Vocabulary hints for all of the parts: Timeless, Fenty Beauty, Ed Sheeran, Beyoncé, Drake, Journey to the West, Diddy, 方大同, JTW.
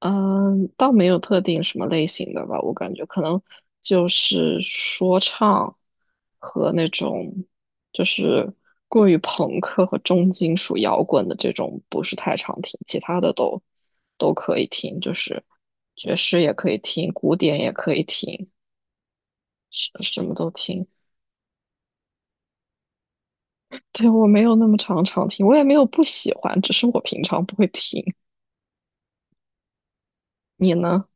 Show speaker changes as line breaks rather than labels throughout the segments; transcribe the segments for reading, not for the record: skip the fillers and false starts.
嗯，倒没有特定什么类型的吧，我感觉可能就是说唱和那种就是过于朋克和重金属摇滚的这种不是太常听，其他的都可以听，就是爵士也可以听，古典也可以听，什么都听。对，我没有那么常常听，我也没有不喜欢，只是我平常不会听。你呢？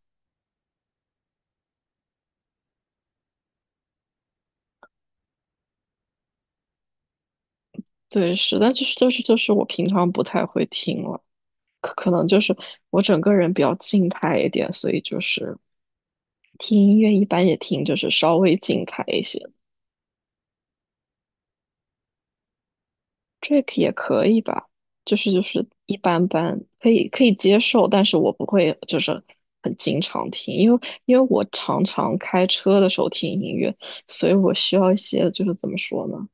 对，是，但就是我平常不太会听了。可能就是我整个人比较静态一点，所以就是听音乐一般也听就是稍微静态一些，Drake 也可以吧，就是一般般，可以接受，但是我不会就是很经常听，因为我常常开车的时候听音乐，所以我需要一些就是怎么说呢，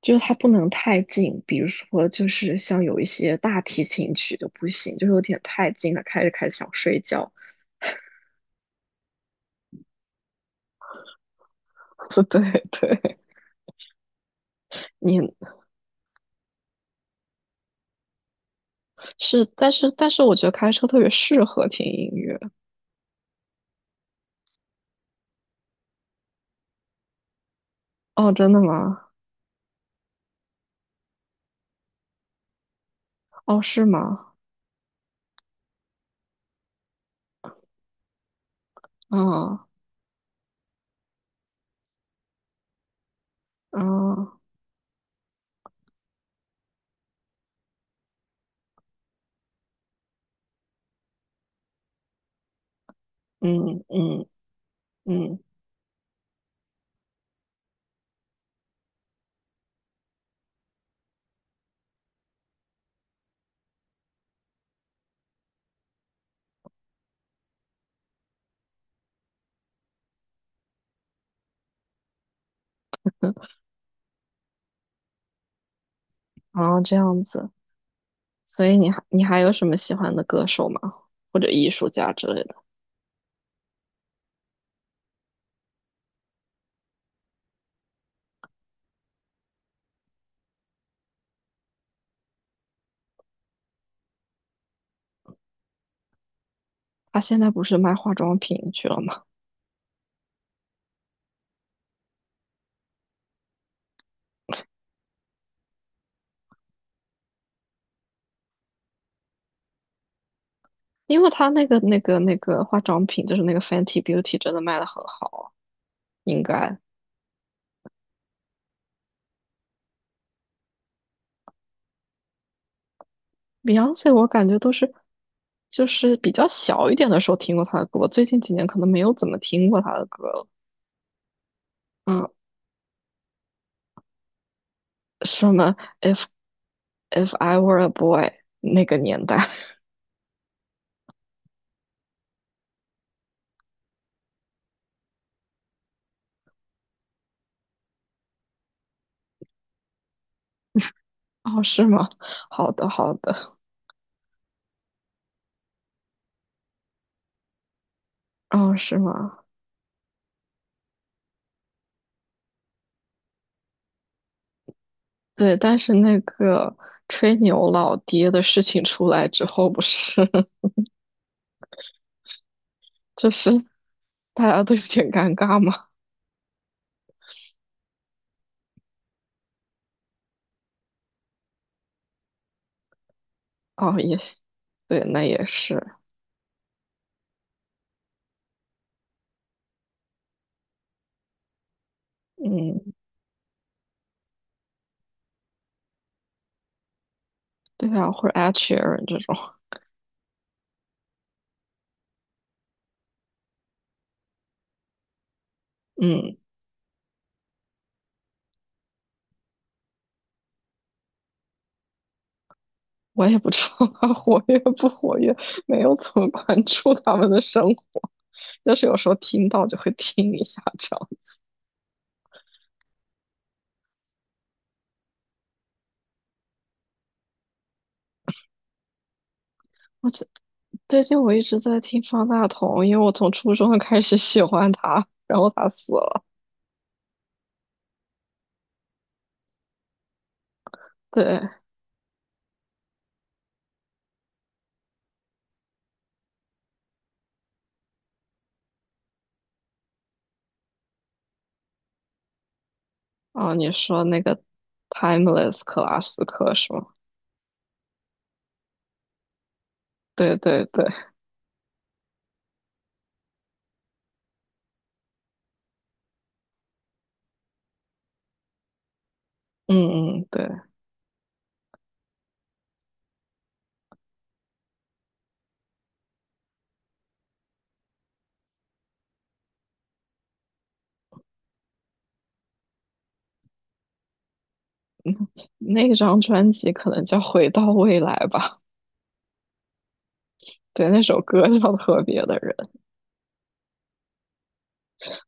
就是它不能太近，比如说就是像有一些大提琴曲就不行，就是有点太近了，开着开着想睡觉。对对，你是，但是我觉得开车特别适合听音乐。哦，真的吗？哦，是吗？啊啊，嗯嗯嗯，啊，这样子。所以你还有什么喜欢的歌手吗？或者艺术家之类的？他现在不是卖化妆品去了吗？因为他那个化妆品，就是那个 Fenty Beauty,真的卖的很好，应该。Beyonce 我感觉都是，就是比较小一点的时候听过他的歌，最近几年可能没有怎么听过他的歌了。嗯什么 if I were a boy 那个年代 哦，是吗？好的，好的，哦，是吗？对，但是那个吹牛老爹的事情出来之后，不是 就是大家都有点尴尬吗？哦，也对，那也是，嗯，对啊，或者 Adsheeran 这种，嗯，我也不知道他 活跃不活跃，没有怎么关注他们的生活，就是有时候听到就会听一下这样。我这最近我一直在听方大同，因为我从初中开始喜欢他，然后他死了。对，啊，你说那个 Timeless 克拉斯克是吗？对对对，嗯嗯，对，那张专辑可能叫《回到未来》吧。对，那首歌叫《特别的人》，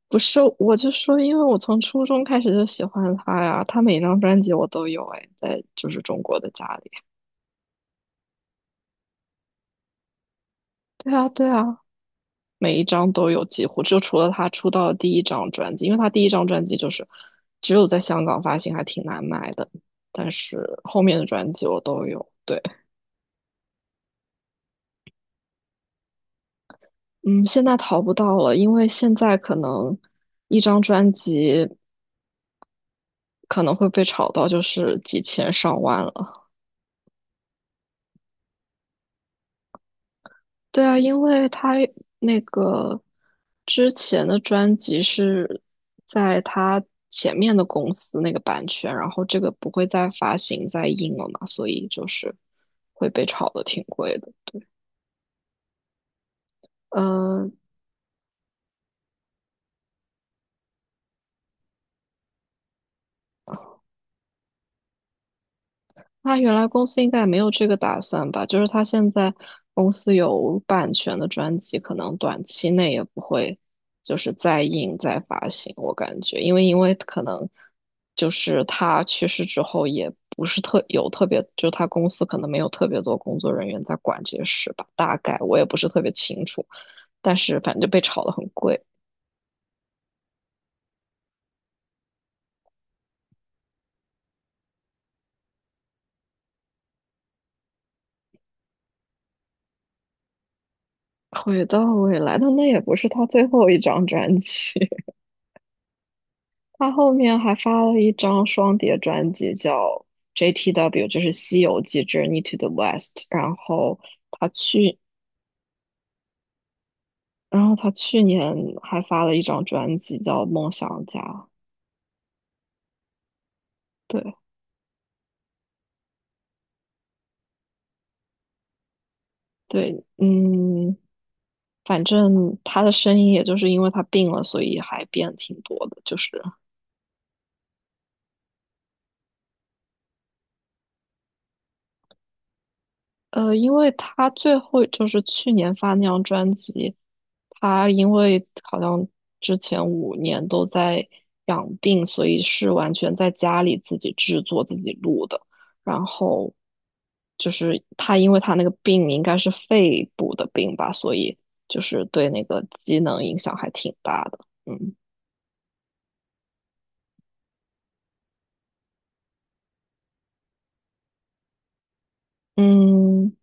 不是，我就说，因为我从初中开始就喜欢他呀，他每张专辑我都有，哎，在就是中国的家里。对啊，对啊，每一张都有几乎，就除了他出道的第一张专辑，因为他第一张专辑就是只有在香港发行，还挺难买的。但是后面的专辑我都有，对，嗯，现在淘不到了，因为现在可能一张专辑可能会被炒到就是几千上万了。对啊，因为他那个之前的专辑是在他前面的公司那个版权，然后这个不会再发行再印了嘛，所以就是会被炒的挺贵的。嗯。他原来公司应该也没有这个打算吧？就是他现在公司有版权的专辑，可能短期内也不会就是再印再发行，我感觉，因为可能就是他去世之后，也不是特别，就他公司可能没有特别多工作人员在管这些事吧，大概我也不是特别清楚，但是反正就被炒得很贵。回到未来，但那也不是他最后一张专辑。他后面还发了一张双碟专辑，叫 JTW,就是《西游记 Journey to the West》。然后他去，然后他去年还发了一张专辑叫《梦想家》。对对，嗯，反正他的声音也就是因为他病了，所以还变挺多的，就是因为他最后就是去年发那张专辑，他因为好像之前5年都在养病，所以是完全在家里自己制作、自己录的。然后就是他，因为他那个病应该是肺部的病吧，所以就是对那个机能影响还挺大的。嗯。嗯，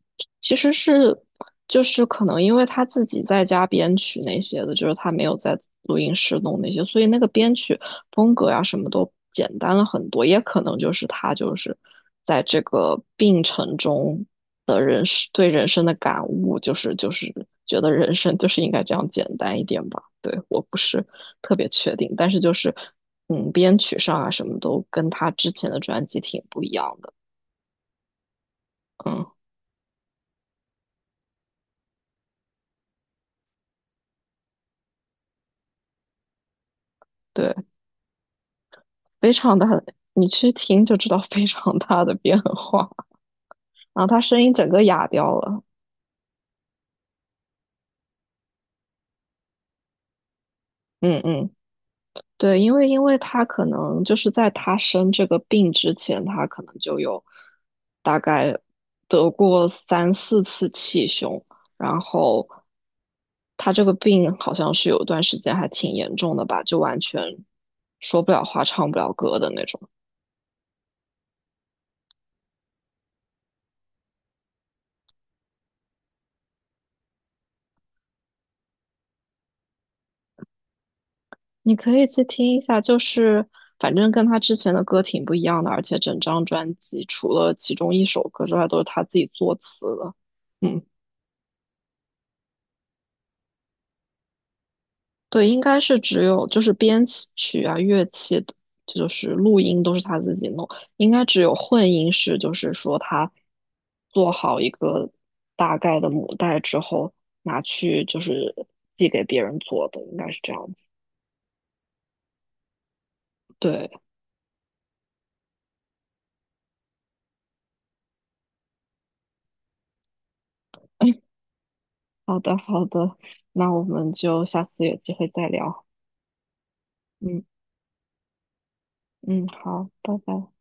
其实是就是可能因为他自己在家编曲那些的，就是他没有在录音室弄那些，所以那个编曲风格呀、什么都简单了很多。也可能就是他就是在这个病程中的人生对人生的感悟，就是觉得人生就是应该这样简单一点吧。对，我不是特别确定，但是就是编曲上啊什么都跟他之前的专辑挺不一样的。嗯，对。非常大的，你去听就知道非常大的变化。然后他声音整个哑掉了。嗯嗯，对，因为他可能就是在他生这个病之前，他可能就有大概得过三四次气胸，然后他这个病好像是有一段时间还挺严重的吧，就完全说不了话、唱不了歌的那种。你可以去听一下，就是反正跟他之前的歌挺不一样的，而且整张专辑除了其中一首歌之外，都是他自己作词的。嗯，对，应该是只有就是编曲啊、乐器的，就是录音都是他自己弄，应该只有混音是就是说他做好一个大概的母带之后拿去就是寄给别人做的，应该是这样子。对，好的，好的，那我们就下次有机会再聊。嗯。嗯，好，拜拜。